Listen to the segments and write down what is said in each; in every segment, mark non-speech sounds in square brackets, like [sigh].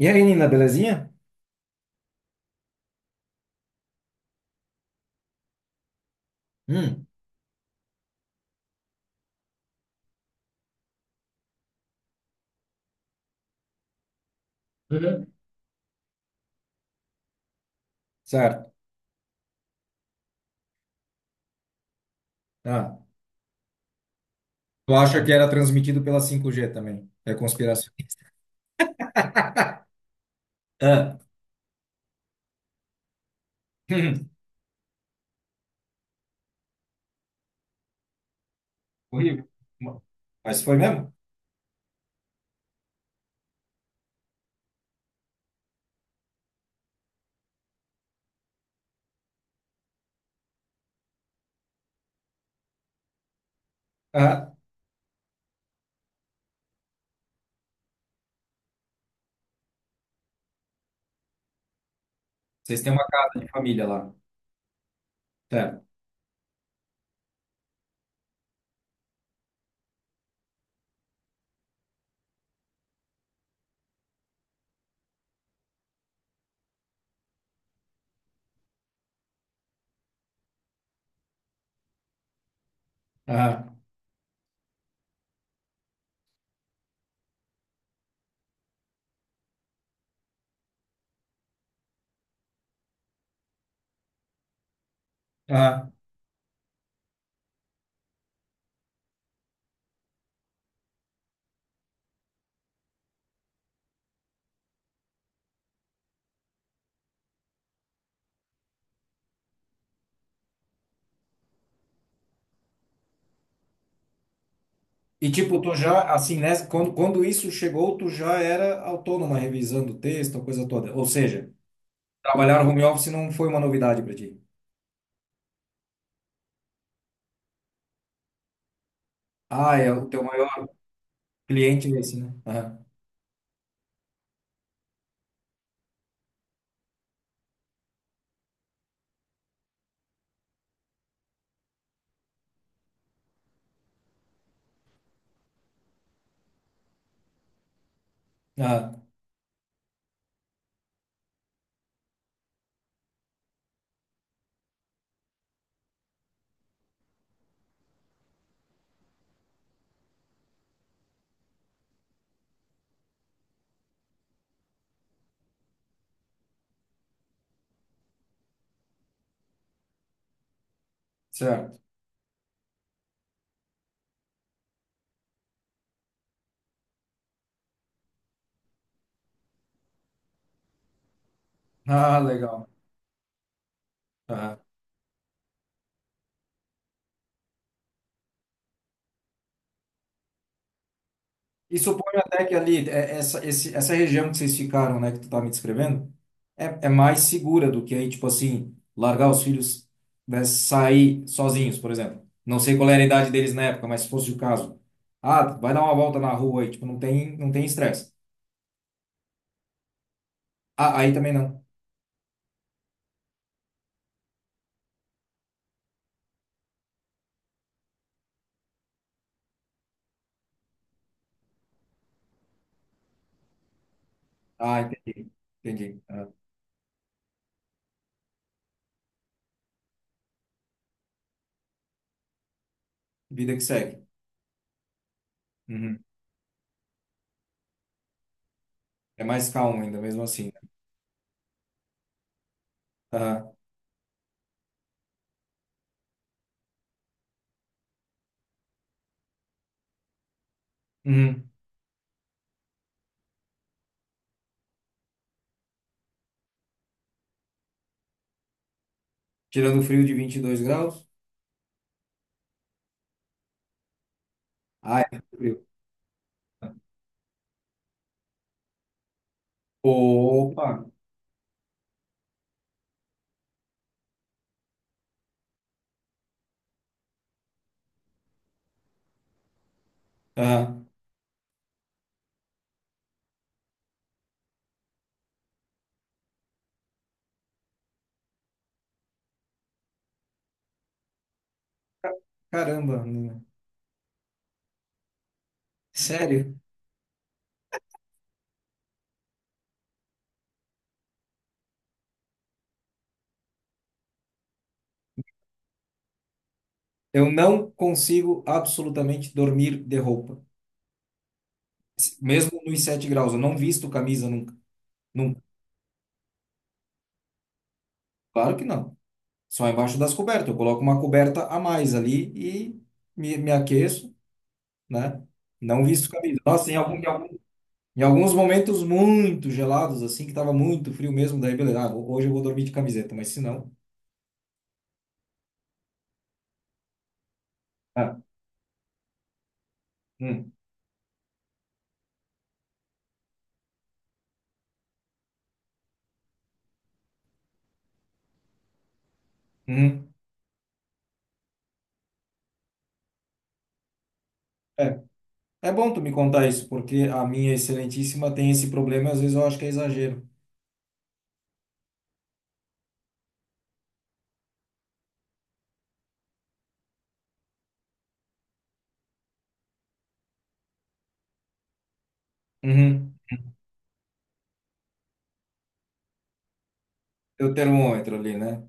E aí, Nina, belezinha? Hum. Uhum. Certo. Ah, tu acha que era transmitido pela 5G também? É conspiração. Ah, [laughs] hum, horrível. Mas foi mesmo? Ah, vocês têm uma casa de família lá. Tá. Ah, ah. E tipo, tu já, assim, nessa, quando isso chegou, tu já era autônoma revisando o texto, a coisa toda. Ou seja, trabalhar no home office não foi uma novidade para ti. Ah, é o teu maior cliente é esse, né? Ah, ah, certo. Ah, legal. Ah. E suponho até que ali, essa região que vocês ficaram, né, que tu tá me descrevendo, é mais segura do que aí, tipo assim, largar os filhos, né, sair sozinhos, por exemplo. Não sei qual era a idade deles na época, mas se fosse o caso. Ah, vai dar uma volta na rua aí, tipo, não tem estresse. Ah, aí também não. Ah, entendi. Entendi. Ah, vida que segue. Uhum. É mais calmo ainda, mesmo assim, né? Aham. Uhum. Tirando o frio de 22 graus. Ah, é frio. Opa! Aham. Ca- Caramba, né? Sério, eu não consigo absolutamente dormir de roupa. Mesmo nos 7 graus, eu não visto camisa nunca. Nunca. Claro que não. Só embaixo das cobertas. Eu coloco uma coberta a mais ali e me aqueço, né? Não visto camisa. Nossa, em alguns momentos muito gelados, assim, que tava muito frio mesmo, daí beleza. Ah, hoje eu vou dormir de camiseta, mas se não. Ah, hum, hum. É, é bom tu me contar isso, porque a minha excelentíssima tem esse problema e às vezes eu acho que é exagero. Uhum. Teu termômetro ali, né?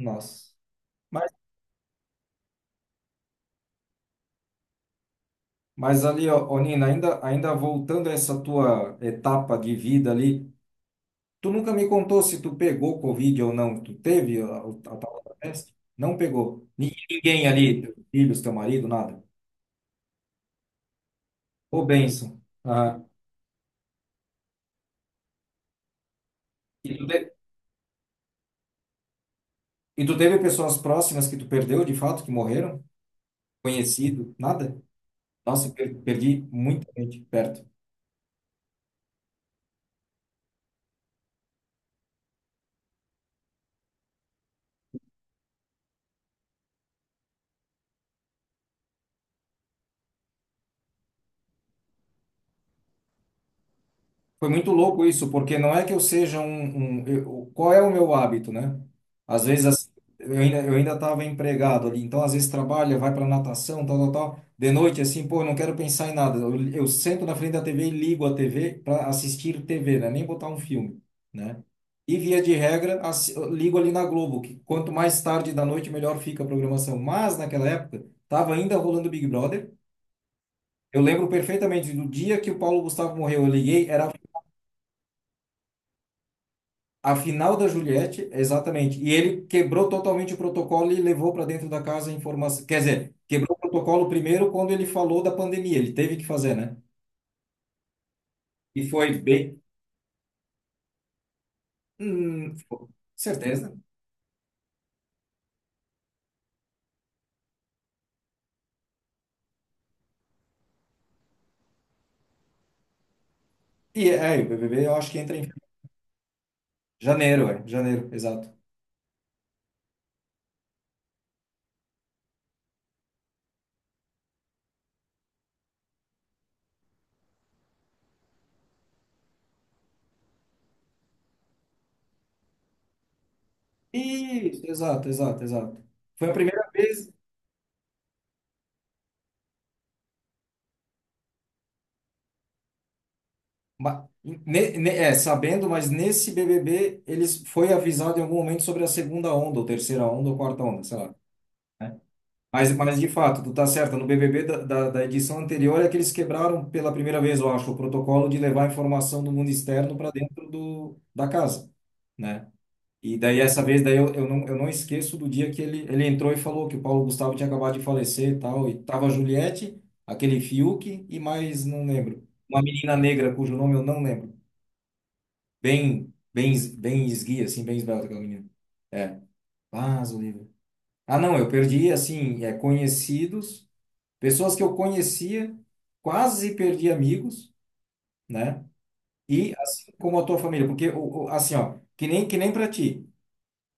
Nossa. Mas, mas ali, ó, ô, Nina, ainda voltando a essa tua etapa de vida ali, tu nunca me contou se tu pegou Covid ou não. Tu teve a tal da peste? Não pegou. Ninguém ali, teus filhos, teu marido, nada. Ô, bênção. Ah, e tu, te- e tu teve pessoas próximas que tu perdeu, de fato, que morreram? Conhecido? Nada? Nossa, perdi muita gente perto. Foi muito louco isso, porque não é que eu seja qual é o meu hábito, né? Às vezes assim, eu ainda estava empregado ali, então às vezes trabalha, vai para natação, tal, tal, tal. De noite assim, pô, eu não quero pensar em nada. Eu sento na frente da TV e ligo a TV para assistir TV, né? Nem botar um filme, né? E via de regra, eu ligo ali na Globo, que quanto mais tarde da noite melhor fica a programação. Mas naquela época estava ainda rolando Big Brother. Eu lembro perfeitamente do dia que o Paulo Gustavo morreu. Eu liguei, era a final da Juliette, exatamente. E ele quebrou totalmente o protocolo e levou para dentro da casa a informação. Quer dizer, quebrou o protocolo primeiro quando ele falou da pandemia. Ele teve que fazer, né? E foi bem. Hum, certeza. E é, o BBB eu acho que entra em janeiro, é. Janeiro, exato. Isso, exato, exato, exato. Foi a primeira vez. Sabendo, mas nesse BBB eles foi avisado em algum momento sobre a segunda onda, ou terceira onda, ou quarta onda, sei lá, né? Mas de fato, tu tá certa. No BBB da edição anterior é que eles quebraram pela primeira vez, eu acho, o protocolo de levar a informação do mundo externo para dentro do, da casa, né? E daí essa vez daí eu não esqueço do dia que ele entrou e falou que o Paulo Gustavo tinha acabado de falecer e tal, e tava a Juliette, aquele Fiuk e mais não lembro. Uma menina negra cujo nome eu não lembro. Bem esguia assim, bem esbelta aquela menina. É. Ah, livre. Ah, não, eu perdi assim, é conhecidos. Pessoas que eu conhecia, quase perdi amigos, né? E assim como a tua família, porque assim, ó, que nem para ti,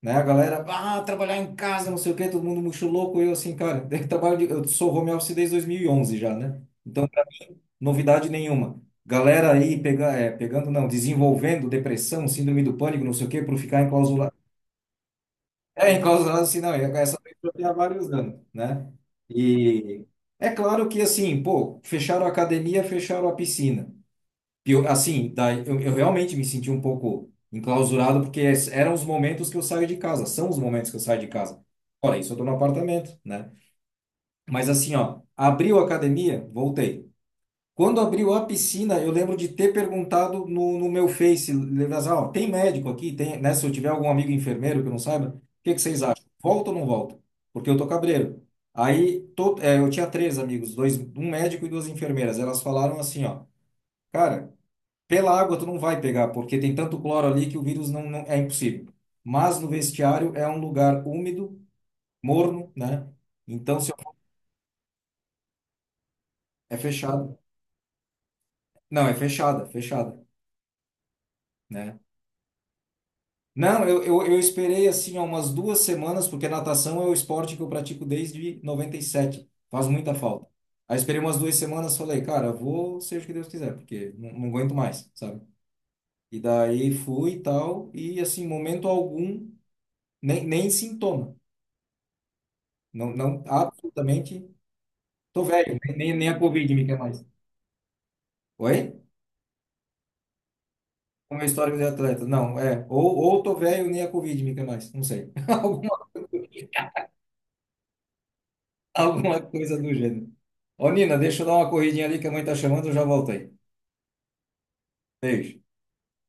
né? A galera, ah, trabalhar em casa, não sei o quê, todo mundo muito louco, eu assim, cara, [laughs] daí trabalho de, eu sou home office desde 2011 já, né? Então, novidade nenhuma. Galera aí pega, é, pegando, não, desenvolvendo depressão, síndrome do pânico, não sei o quê, por ficar é, enclausurado assim, não, e essa aventura tem há vários anos, né? E é claro que, assim, pô, fecharam a academia, fecharam a piscina. Assim, daí eu realmente me senti um pouco enclausurado, porque eram os momentos que eu saio de casa, são os momentos que eu saio de casa. Olha, isso eu tô no apartamento, né? Mas assim, ó, abriu a academia, voltei. Quando abriu a piscina, eu lembro de ter perguntado no meu Face, lembra assim, ó, tem médico aqui? Tem, né? Se eu tiver algum amigo enfermeiro que eu não saiba, o que que vocês acham? Volta ou não volta? Porque eu tô cabreiro. Aí eu tinha três amigos, dois, um médico e duas enfermeiras. Elas falaram assim, ó, cara, pela água tu não vai pegar, porque tem tanto cloro ali que o vírus não é impossível. Mas no vestiário é um lugar úmido, morno, né? Então se eu- é fechado. Não, é fechada, fechada, né? Não, eu esperei assim ó, umas 2 semanas, porque natação é o esporte que eu pratico desde 97. Faz muita falta. Aí esperei umas 2 semanas, falei, cara, vou seja o que Deus quiser, porque não aguento mais, sabe? E daí fui e tal, e assim, momento algum, nem sintoma. Não, não, absolutamente. Tô velho, nem a Covid me quer mais. Oi? O meu histórico de atleta. Não, é. Ou tô velho, nem a Covid me quer mais. Não sei. [laughs] Alguma coisa. Alguma coisa do gênero. Ô, Nina, deixa eu dar uma corridinha ali que a mãe tá chamando, eu já voltei. Beijo.